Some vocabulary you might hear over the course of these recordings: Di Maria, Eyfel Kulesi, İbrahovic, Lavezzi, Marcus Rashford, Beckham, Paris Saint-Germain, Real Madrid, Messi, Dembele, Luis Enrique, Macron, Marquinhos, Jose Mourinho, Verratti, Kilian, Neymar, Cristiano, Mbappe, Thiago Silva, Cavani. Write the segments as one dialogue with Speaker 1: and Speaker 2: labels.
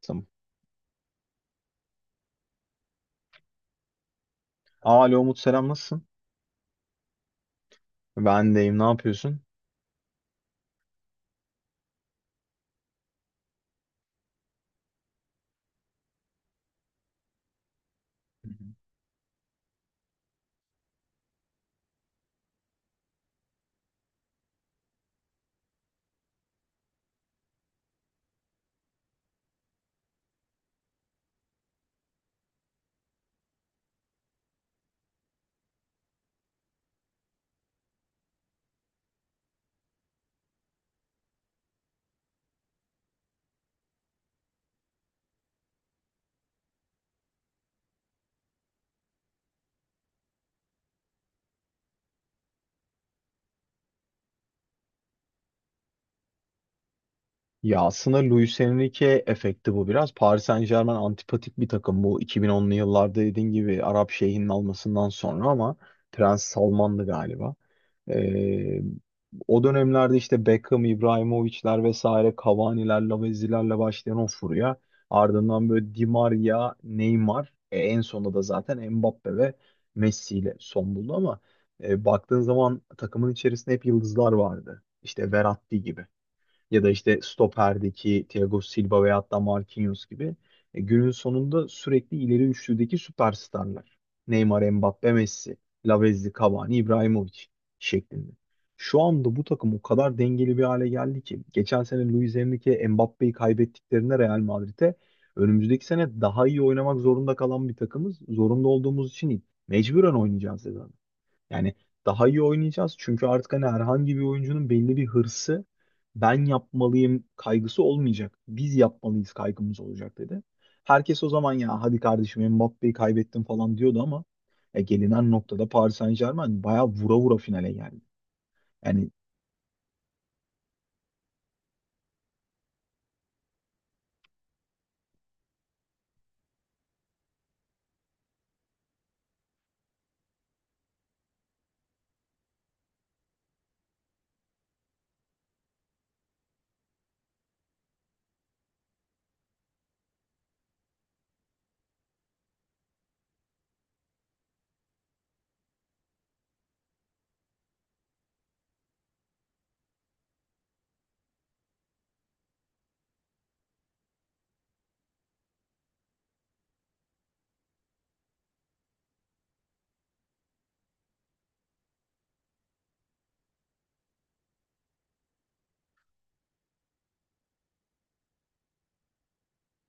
Speaker 1: Tamam. Alo Umut, selam, nasılsın? Ben deyim, ne yapıyorsun? Ya aslında Luis Enrique efekti bu biraz. Paris Saint-Germain antipatik bir takım, bu 2010'lu yıllarda dediğin gibi Arap Şeyh'inin almasından sonra, ama Prens Salman'dı galiba. Ee, o dönemlerde işte Beckham, İbrahimovic'ler vesaire, Cavani'ler, Lavezzi'lerle başlayan o furya. Ardından böyle Di Maria, Neymar, en sonunda da zaten Mbappe ve Messi ile son buldu, ama baktığın zaman takımın içerisinde hep yıldızlar vardı. İşte Verratti gibi, ya da işte stoperdeki Thiago Silva veya hatta Marquinhos gibi, günün sonunda sürekli ileri üçlüdeki süperstarlar. Neymar, Mbappe, Messi, Lavezzi, Cavani, Ibrahimovic şeklinde. Şu anda bu takım o kadar dengeli bir hale geldi ki geçen sene Luis Enrique, Mbappe'yi kaybettiklerinde Real Madrid'e, önümüzdeki sene daha iyi oynamak zorunda kalan bir takımız. Zorunda olduğumuz için değil, mecburen oynayacağız dedi adam. Yani daha iyi oynayacağız, çünkü artık hani herhangi bir oyuncunun belli bir hırsı, ben yapmalıyım kaygısı olmayacak. Biz yapmalıyız kaygımız olacak dedi. Herkes o zaman ya hadi kardeşim Mbappe'yi kaybettim falan diyordu, ama gelinen noktada Paris Saint-Germain bayağı vura vura finale geldi. Yani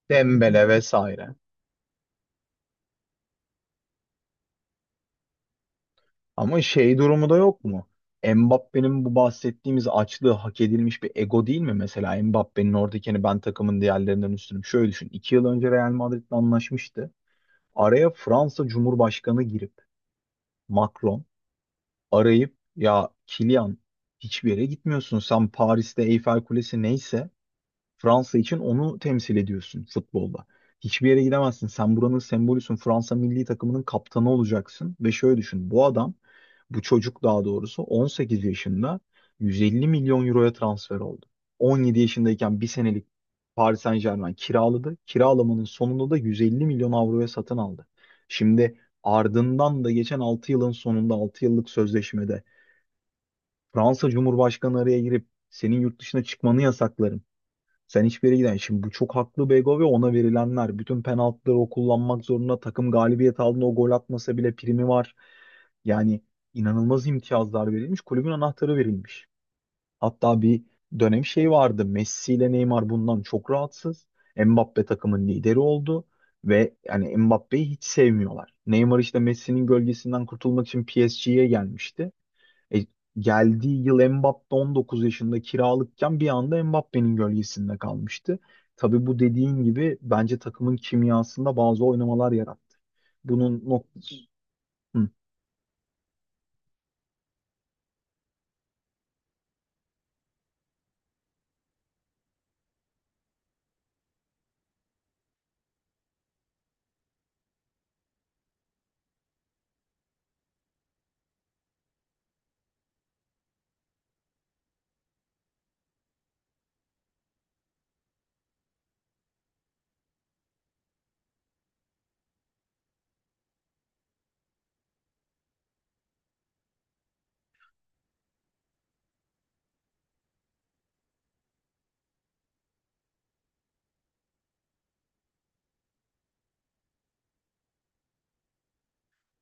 Speaker 1: Dembele vesaire. Ama şey durumu da yok mu? Mbappe'nin bu bahsettiğimiz açlığı hak edilmiş bir ego değil mi? Mesela Mbappe'nin oradaki hani ben takımın diğerlerinden üstünüm. Şöyle düşün. 2 yıl önce Real Madrid'le anlaşmıştı. Araya Fransa Cumhurbaşkanı girip, Macron arayıp, ya Kilian, hiçbir yere gitmiyorsun. Sen Paris'te Eyfel Kulesi neyse, Fransa için onu temsil ediyorsun futbolda. Hiçbir yere gidemezsin. Sen buranın sembolüsün. Fransa milli takımının kaptanı olacaksın. Ve şöyle düşün. Bu adam, bu çocuk daha doğrusu, 18 yaşında 150 milyon euroya transfer oldu. 17 yaşındayken bir senelik Paris Saint-Germain kiraladı. Kiralamanın sonunda da 150 milyon avroya satın aldı. Şimdi ardından da geçen 6 yılın sonunda, 6 yıllık sözleşmede, Fransa Cumhurbaşkanı araya girip, senin yurt dışına çıkmanı yasaklarım, sen hiçbir yere giden. Şimdi bu çok haklı Bego ve ona verilenler. Bütün penaltıları o kullanmak zorunda. Takım galibiyet aldığında o gol atmasa bile primi var. Yani inanılmaz imtiyazlar verilmiş. Kulübün anahtarı verilmiş. Hatta bir dönem şey vardı. Messi ile Neymar bundan çok rahatsız. Mbappe takımın lideri oldu. Ve yani Mbappe'yi hiç sevmiyorlar. Neymar işte Messi'nin gölgesinden kurtulmak için PSG'ye gelmişti. E, geldiği yıl Mbappe 19 yaşında kiralıkken, bir anda Mbappe'nin gölgesinde kalmıştı. Tabii bu dediğin gibi, bence takımın kimyasında bazı oynamalar yarattı. Bunun nok- Hı.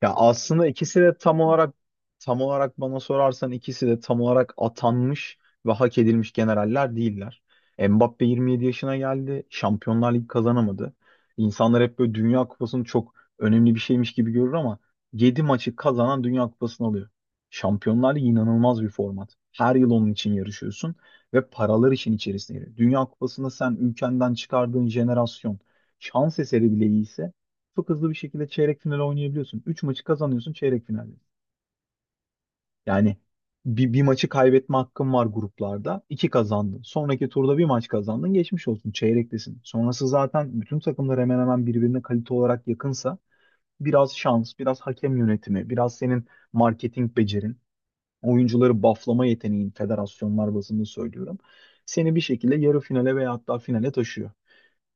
Speaker 1: Ya aslında ikisi de tam olarak, bana sorarsan ikisi de tam olarak atanmış ve hak edilmiş generaller değiller. Mbappe 27 yaşına geldi. Şampiyonlar Ligi kazanamadı. İnsanlar hep böyle Dünya Kupası'nı çok önemli bir şeymiş gibi görür, ama 7 maçı kazanan Dünya Kupası'nı alıyor. Şampiyonlar Ligi inanılmaz bir format. Her yıl onun için yarışıyorsun ve paralar için içerisine giriyor. Dünya Kupası'nda sen ülkenden çıkardığın jenerasyon şans eseri bile iyiyse, çok hızlı bir şekilde çeyrek final oynayabiliyorsun. 3 maçı kazanıyorsun çeyrek finalde. Yani bir maçı kaybetme hakkın var gruplarda. 2 kazandın. Sonraki turda bir maç kazandın. Geçmiş olsun. Çeyrektesin. Sonrası zaten, bütün takımlar hemen hemen birbirine kalite olarak yakınsa, biraz şans, biraz hakem yönetimi, biraz senin marketing becerin, oyuncuları bufflama yeteneğin, federasyonlar bazında söylüyorum, seni bir şekilde yarı finale veya hatta finale taşıyor.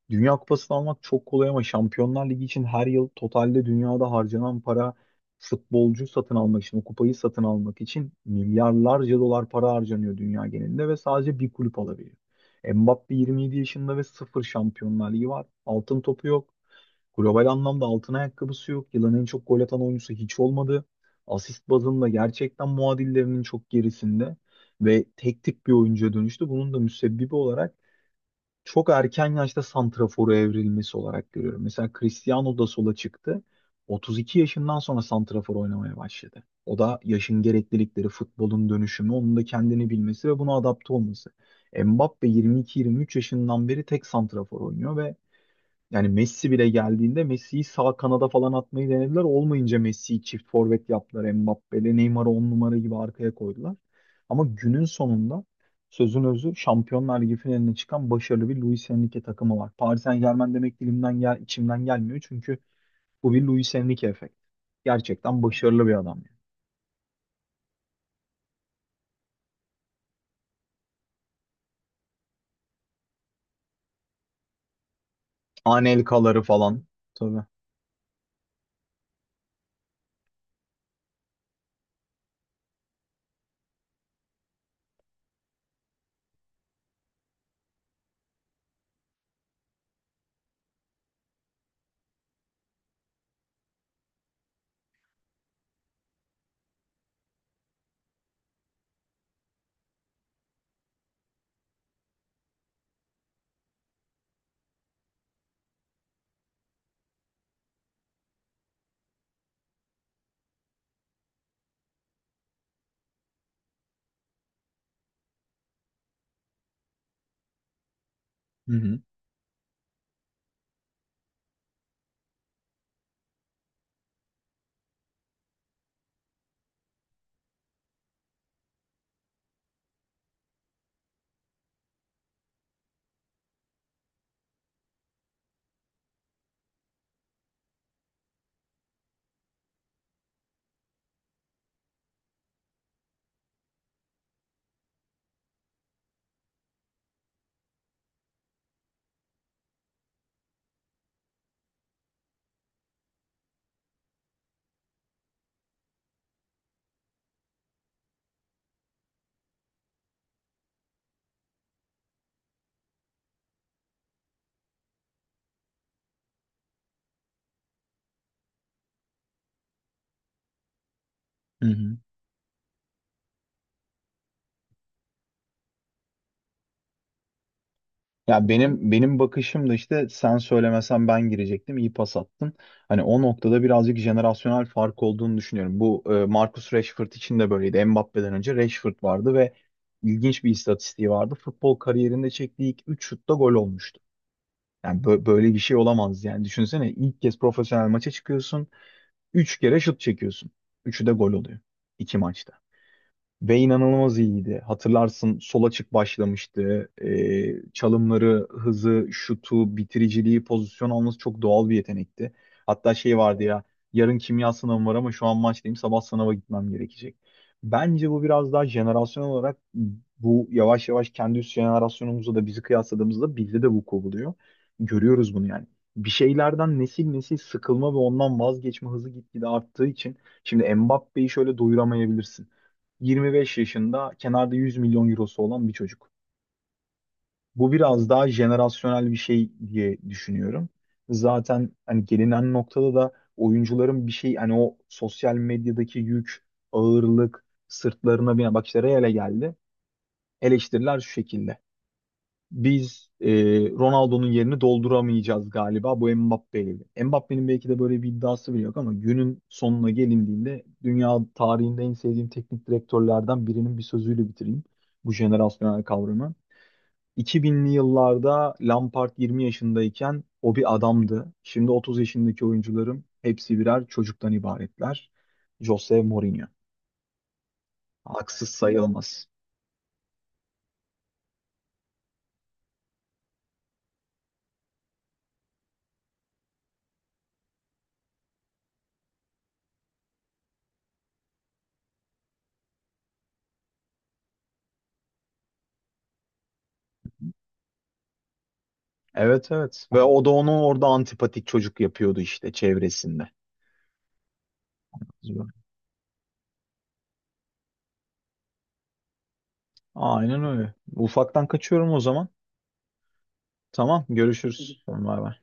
Speaker 1: Dünya Kupası'nı almak çok kolay, ama Şampiyonlar Ligi için her yıl totalde dünyada harcanan para, futbolcu satın almak için, o kupayı satın almak için milyarlarca dolar para harcanıyor dünya genelinde ve sadece bir kulüp alabiliyor. Mbappe 27 yaşında ve sıfır Şampiyonlar Ligi var. Altın topu yok. Global anlamda altın ayakkabısı yok. Yılın en çok gol atan oyuncusu hiç olmadı. Asist bazında gerçekten muadillerinin çok gerisinde ve tek tip bir oyuncuya dönüştü. Bunun da müsebbibi olarak çok erken yaşta santrafora evrilmesi olarak görüyorum. Mesela Cristiano da sola çıktı. 32 yaşından sonra santrafor oynamaya başladı. O da yaşın gereklilikleri, futbolun dönüşümü, onun da kendini bilmesi ve buna adapte olması. Mbappe 22-23 yaşından beri tek santrafor oynuyor ve yani Messi bile geldiğinde, Messi'yi sağ kanada falan atmayı denediler. Olmayınca Messi'yi çift forvet yaptılar. Mbappe'yle Neymar'ı 10 numara gibi arkaya koydular. Ama günün sonunda, sözün özü, Şampiyonlar Ligi finaline çıkan başarılı bir Luis Enrique takımı var. Paris Saint-Germain demek dilimden içimden gelmiyor, çünkü bu bir Luis Enrique efekt. Gerçekten başarılı bir adam, yani. Anelka'ları falan. Tabii. Hı hı. Hı hı. Ya benim bakışım da, işte sen söylemesen ben girecektim, iyi pas attın. Hani o noktada birazcık jenerasyonel fark olduğunu düşünüyorum. Bu Marcus Rashford için de böyleydi. Mbappe'den önce Rashford vardı ve ilginç bir istatistiği vardı. Futbol kariyerinde çektiği ilk 3 şutta gol olmuştu. Yani böyle bir şey olamaz yani. Düşünsene ilk kez profesyonel maça çıkıyorsun, 3 kere şut çekiyorsun. Üçü de gol oluyor. İki maçta. Ve inanılmaz iyiydi. Hatırlarsın, sol açık başlamıştı. Çalımları, hızı, şutu, bitiriciliği, pozisyon alması çok doğal bir yetenekti. Hatta şey vardı ya, yarın kimya sınavım var ama şu an maçtayım, sabah sınava gitmem gerekecek. Bence bu biraz daha jenerasyon olarak, bu yavaş yavaş kendi üst jenerasyonumuzla da bizi kıyasladığımızda bizde de vuku buluyor. Görüyoruz bunu yani. Bir şeylerden nesil nesil sıkılma ve ondan vazgeçme hızı gitgide arttığı için, şimdi Mbappé'yi şöyle doyuramayabilirsin. 25 yaşında kenarda 100 milyon eurosu olan bir çocuk. Bu biraz daha jenerasyonel bir şey diye düşünüyorum. Zaten hani gelinen noktada da oyuncuların bir şey, hani o sosyal medyadaki yük, ağırlık, sırtlarına binen, bak işte Real'e geldi. Eleştiriler şu şekilde, biz Ronaldo'nun yerini dolduramayacağız galiba bu Mbappe'yle. Mbappe'nin belki de böyle bir iddiası bile yok, ama günün sonuna gelindiğinde, dünya tarihinde en sevdiğim teknik direktörlerden birinin bir sözüyle bitireyim bu jenerasyonel kavramı. 2000'li yıllarda Lampard 20 yaşındayken o bir adamdı. Şimdi 30 yaşındaki oyuncuların hepsi birer çocuktan ibaretler. Jose Mourinho. Haksız sayılmaz. Evet, evet. Ve o da onu orada antipatik çocuk yapıyordu işte çevresinde. Aynen öyle. Ufaktan kaçıyorum o zaman. Tamam, görüşürüz. Bay bay.